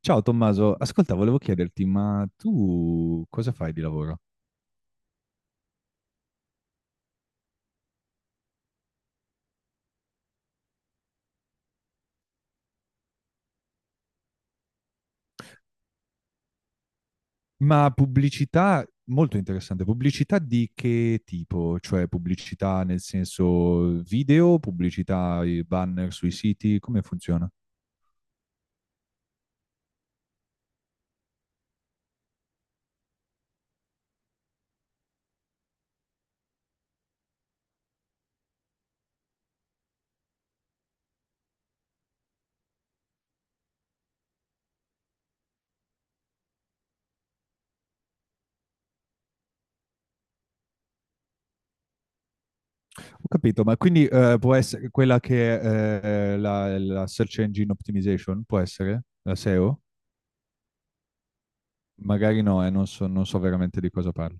Ciao Tommaso, ascolta, volevo chiederti, ma tu cosa fai di lavoro? Ma pubblicità, molto interessante, pubblicità di che tipo? Cioè pubblicità nel senso video, pubblicità, i banner sui siti, come funziona? Ho capito, ma quindi può essere quella che è la Search Engine Optimization, può essere? La SEO? Magari no, non so, non so veramente di cosa parli.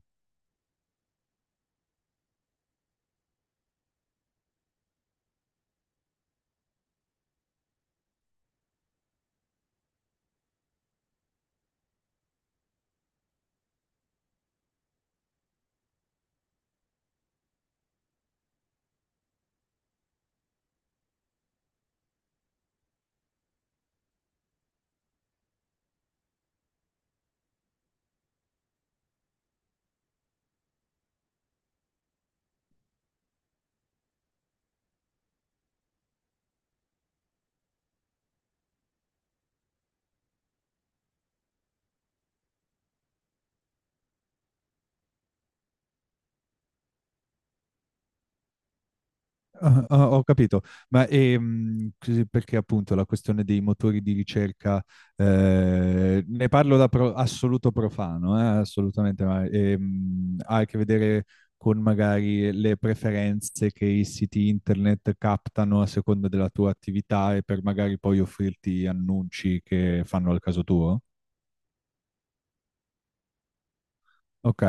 Ah, ah, ho capito, ma perché appunto la questione dei motori di ricerca, ne parlo assoluto profano, assolutamente, ma ha a che vedere con magari le preferenze che i siti internet captano a seconda della tua attività e per magari poi offrirti annunci che fanno al caso tuo? Ok,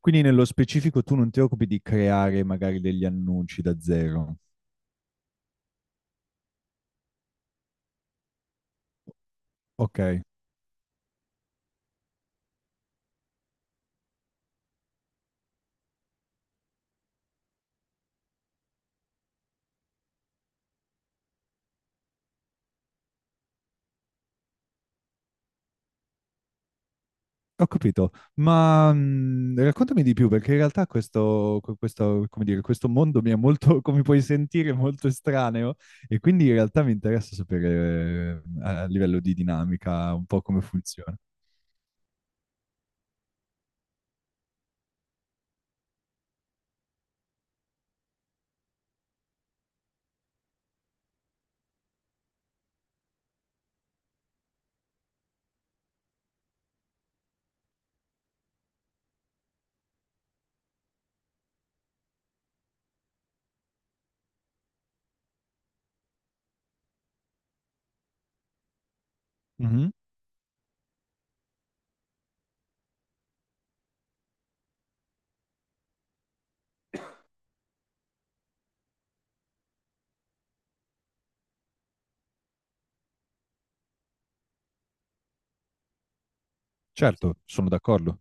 quindi nello specifico tu non ti occupi di creare magari degli annunci da zero. Ok. Ho capito, ma raccontami di più perché in realtà questo, come dire, questo mondo mi è molto, come puoi sentire, molto estraneo e quindi in realtà mi interessa sapere a livello di dinamica un po' come funziona. Mhm. Certo, sono d'accordo.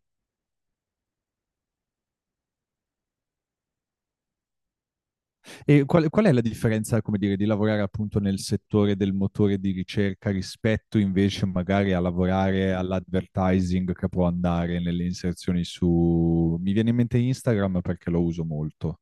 E qual è la differenza, come dire, di lavorare appunto nel settore del motore di ricerca rispetto invece magari a lavorare all'advertising che può andare nelle inserzioni su... Mi viene in mente Instagram perché lo uso molto.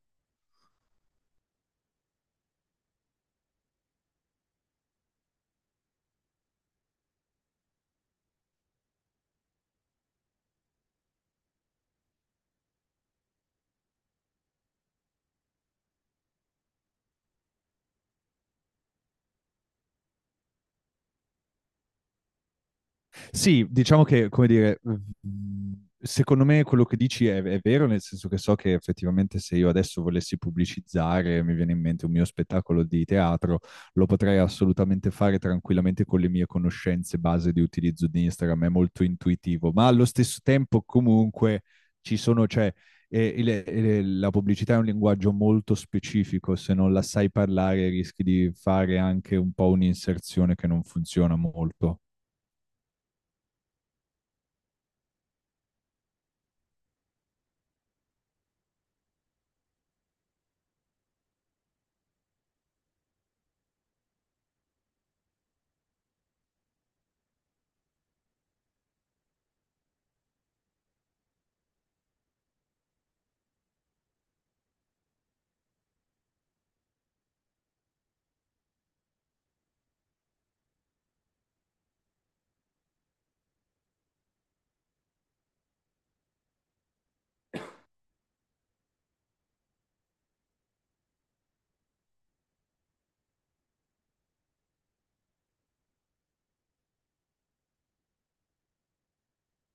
Sì, diciamo che, come dire, mm, secondo me quello che dici è vero, nel senso che so che effettivamente se io adesso volessi pubblicizzare, mi viene in mente un mio spettacolo di teatro, lo potrei assolutamente fare tranquillamente con le mie conoscenze base di utilizzo di Instagram, è molto intuitivo, ma allo stesso tempo comunque ci sono, cioè, la pubblicità è un linguaggio molto specifico, se non la sai parlare rischi di fare anche un po' un'inserzione che non funziona molto.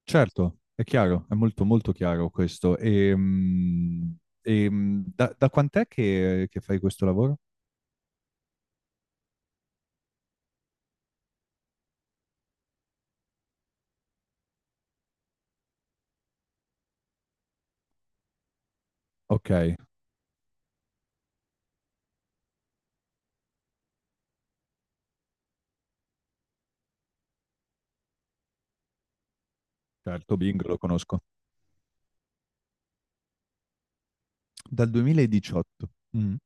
Certo, è chiaro, è molto molto chiaro questo. E, mm, da quant'è che fai questo lavoro? Ok, certo, Bing lo conosco. Dal 2018. Mm.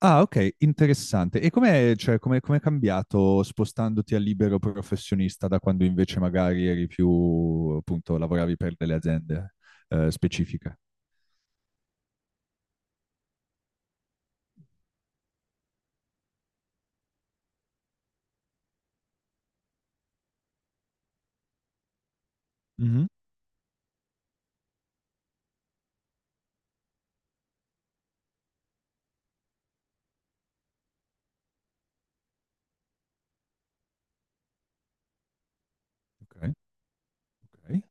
Ah, ok, interessante. E com'è cambiato spostandoti a libero professionista da quando invece magari eri più, appunto, lavoravi per delle aziende specifiche? Mhm. Ok, ok.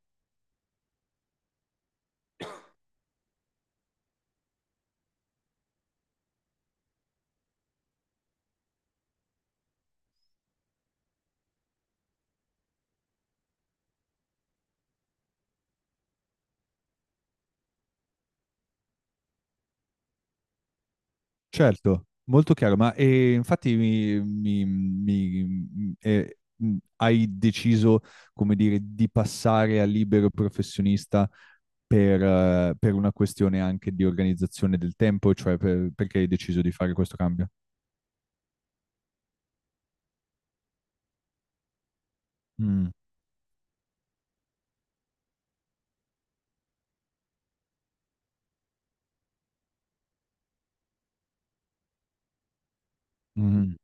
Certo, molto chiaro, ma infatti hai deciso, come dire, di passare a libero professionista per una questione anche di organizzazione del tempo, cioè perché hai deciso di fare questo cambio? Mm, mhm.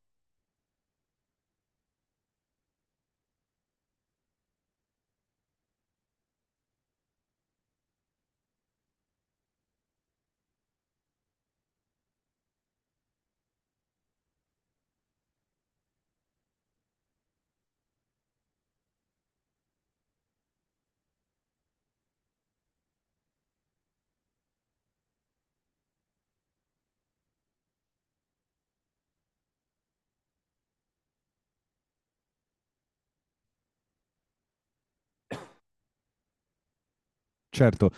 Certo,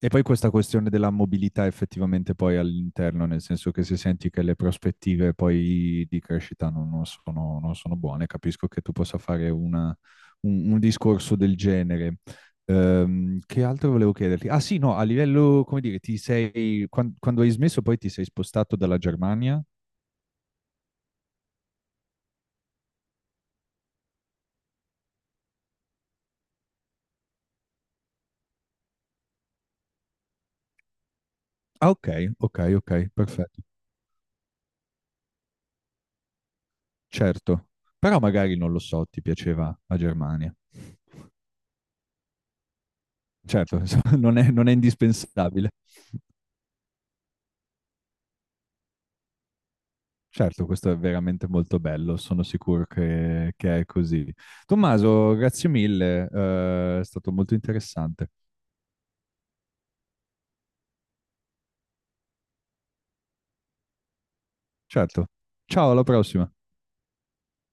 e poi questa questione della mobilità effettivamente poi all'interno, nel senso che se senti che le prospettive poi di crescita non sono, non sono buone, capisco che tu possa fare un discorso del genere. Che altro volevo chiederti? Ah sì, no, a livello, come dire, ti sei, quando, hai smesso poi ti sei spostato dalla Germania? Ah ok, ok, ok, perfetto, certo. Però magari non lo so, ti piaceva la Germania. Certo, insomma, non è indispensabile. Certo, questo è veramente molto bello, sono sicuro che è così. Tommaso, grazie mille, è stato molto interessante. Certo, ciao, alla prossima.